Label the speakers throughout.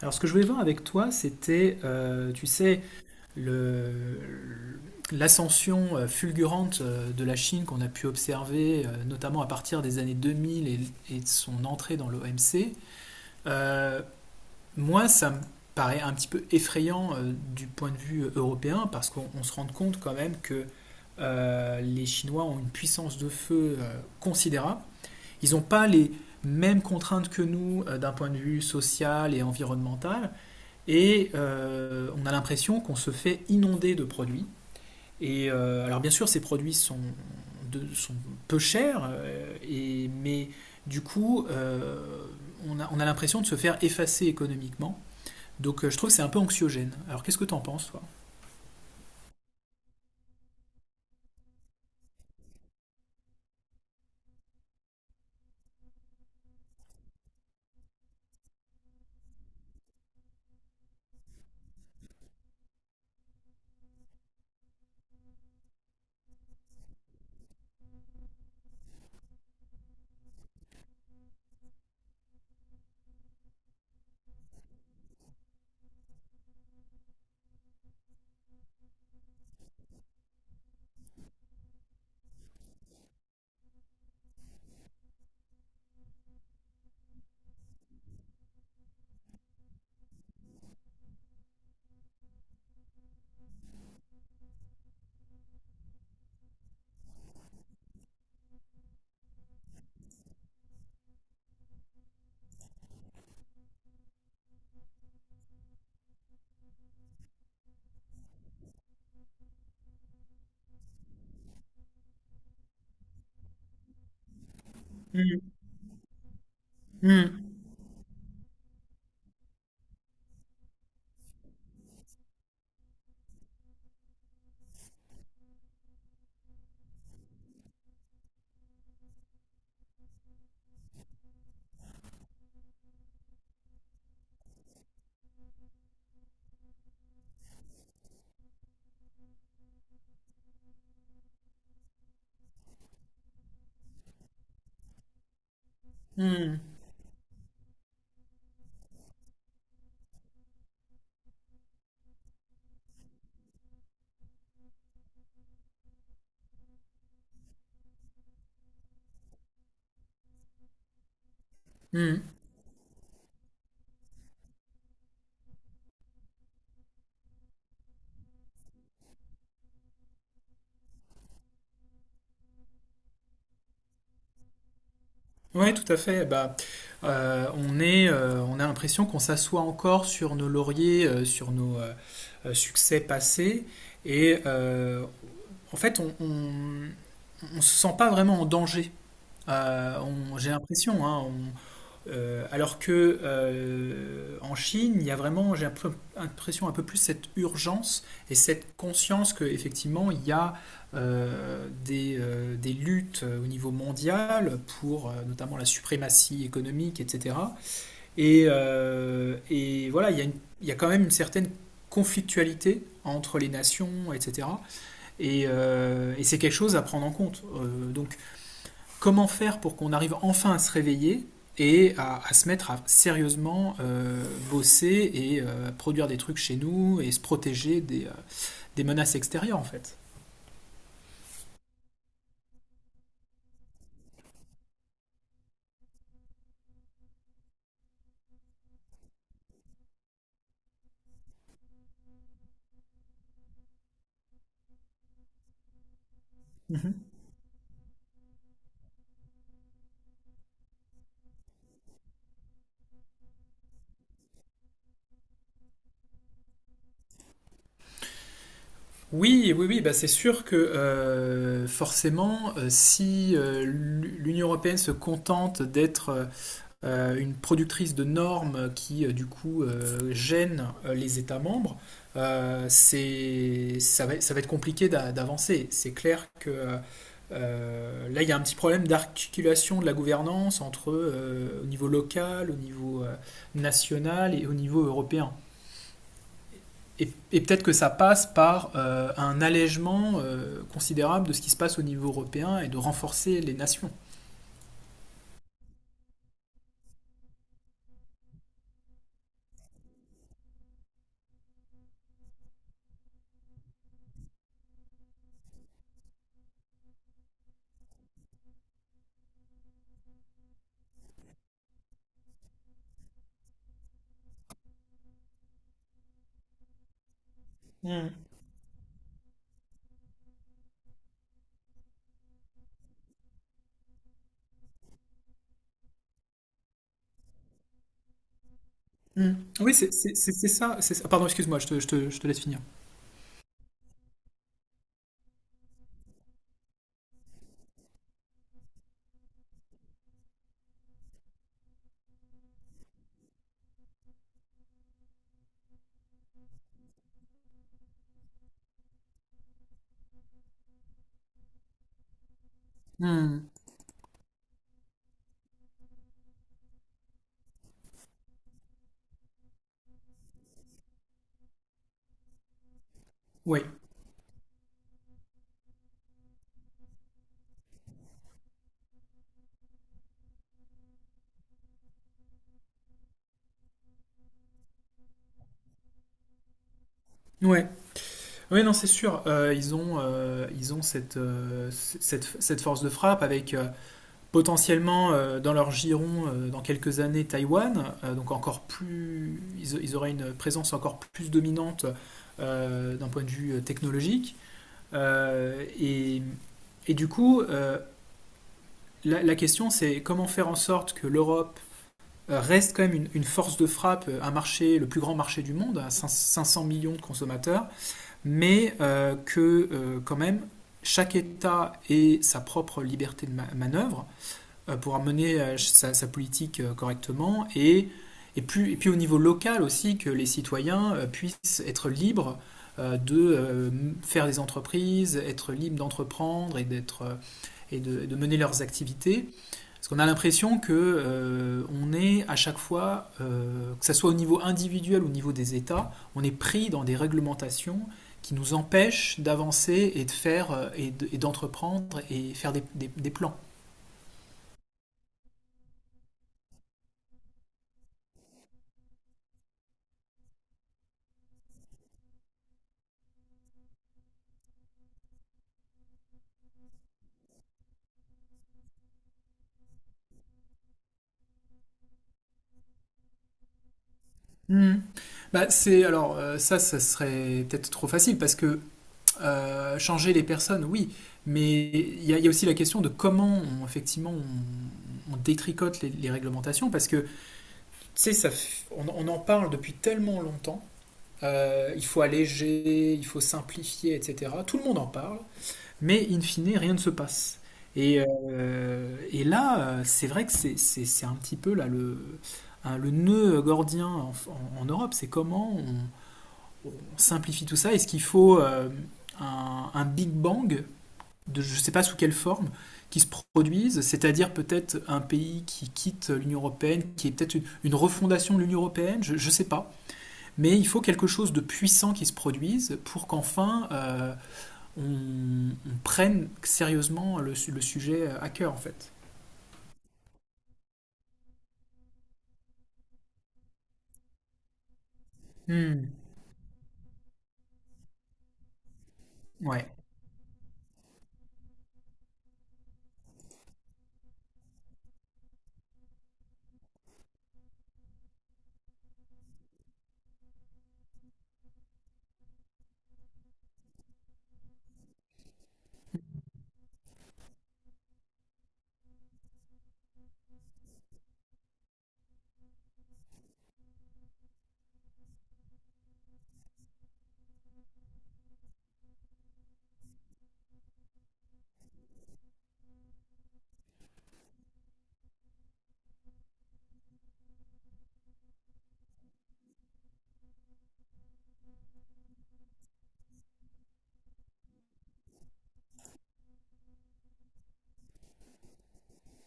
Speaker 1: Alors ce que je voulais voir avec toi, c'était, tu sais, le- l'ascension fulgurante de la Chine qu'on a pu observer, notamment à partir des années 2000 et de son entrée dans l'OMC. Euh, Moi, ça me paraît un petit peu effrayant du point de vue européen, parce qu'on on se rend compte quand même que les Chinois ont une puissance de feu considérable. Ils n'ont pas les mêmes contraintes que nous d'un point de vue social et environnemental. Et on a l'impression qu'on se fait inonder de produits. Alors bien sûr, ces produits sont peu chers, mais du coup, on a l'impression de se faire effacer économiquement. Je trouve que c'est un peu anxiogène. Alors qu'est-ce que t'en penses, toi? Mm, mm, mm, mm. Ouais, tout à fait. On a l'impression qu'on s'assoit encore sur nos lauriers, sur nos succès passés, et euh, en fait, on se sent pas vraiment en danger. J'ai l'impression, alors que en Chine, il y a vraiment, l'impression un peu plus cette urgence et cette conscience que effectivement il y a des luttes au niveau mondial pour notamment la suprématie économique, etc. Et voilà, il y a il y a quand même une certaine conflictualité entre les nations, etc. Et c'est quelque chose à prendre en compte. Donc, comment faire pour qu'on arrive enfin à se réveiller et à se mettre à sérieusement bosser et produire des trucs chez nous et se protéger des menaces extérieures, en fait. Mhm. Oui, bah c'est sûr que forcément, si l'Union européenne se contente d'être une productrice de normes du gêne les États membres, ça va être compliqué d'avancer. C'est clair que là, il y a un petit problème d'articulation de la gouvernance entre au niveau local, au niveau national et au niveau européen. Et peut-être que ça passe par un allègement considérable de ce qui se passe au niveau européen et de renforcer les nations. Hmm. Mm. Oui, c'est ça. C'est ça. Pardon, excuse-moi, je te laisse finir. Mm. Oui, ouais. Oui, non, c'est sûr. Ils ont cette force de frappe avec potentiellement dans leur giron dans quelques années Taïwan. Donc encore plus, ils auraient une présence encore plus dominante d'un point de vue technologique. Euh, et, et du coup, la question c'est comment faire en sorte que l'Europe reste quand même une force de frappe, un marché, le plus grand marché du monde, à 500 millions de consommateurs, mais que quand même chaque État ait sa propre liberté de manœuvre pour mener politique correctement et puis au niveau local aussi que les citoyens puissent être libres de faire des entreprises, être libres d'entreprendre et de mener leurs activités parce qu'on a l'impression que on est à chaque fois, que ce soit au niveau individuel ou au niveau des États, on est pris dans des réglementations qui nous empêchent d'avancer et de faire et d'entreprendre et faire des plans. Mmh. Bah, c'est ça serait peut-être trop facile parce que changer les personnes, oui, mais il y a aussi la question de comment effectivement on détricote les réglementations parce que tu sais, on en parle depuis tellement longtemps, il faut alléger, il faut simplifier, etc. Tout le monde en parle, mais in fine, rien ne se passe. C'est vrai que c'est un petit peu là, le nœud gordien en Europe, c'est comment on simplifie tout ça. Est-ce qu'il faut un Big Bang, je ne sais pas sous quelle forme, qui se produise, c'est-à-dire peut-être un pays qui quitte l'Union européenne, qui est peut-être une refondation de l'Union européenne, je ne sais pas. Mais il faut quelque chose de puissant qui se produise pour qu'enfin on prenne sérieusement le sujet à cœur, en fait. Hmm. Ouais.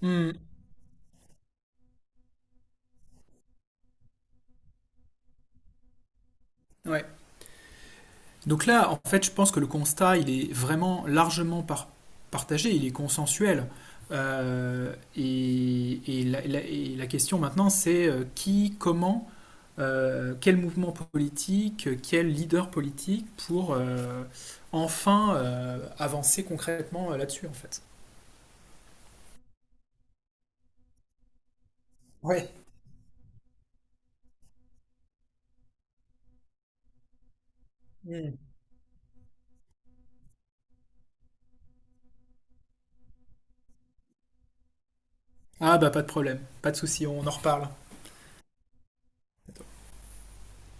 Speaker 1: Hmm. Ouais. Donc là, en fait, je pense que le constat, il est vraiment largement partagé, il est consensuel. Et et la question maintenant, c'est comment quel mouvement politique, quel leader politique pour enfin avancer concrètement là-dessus en fait. Ouais. Hmm. Ah bah pas de problème, pas de souci, on en reparle.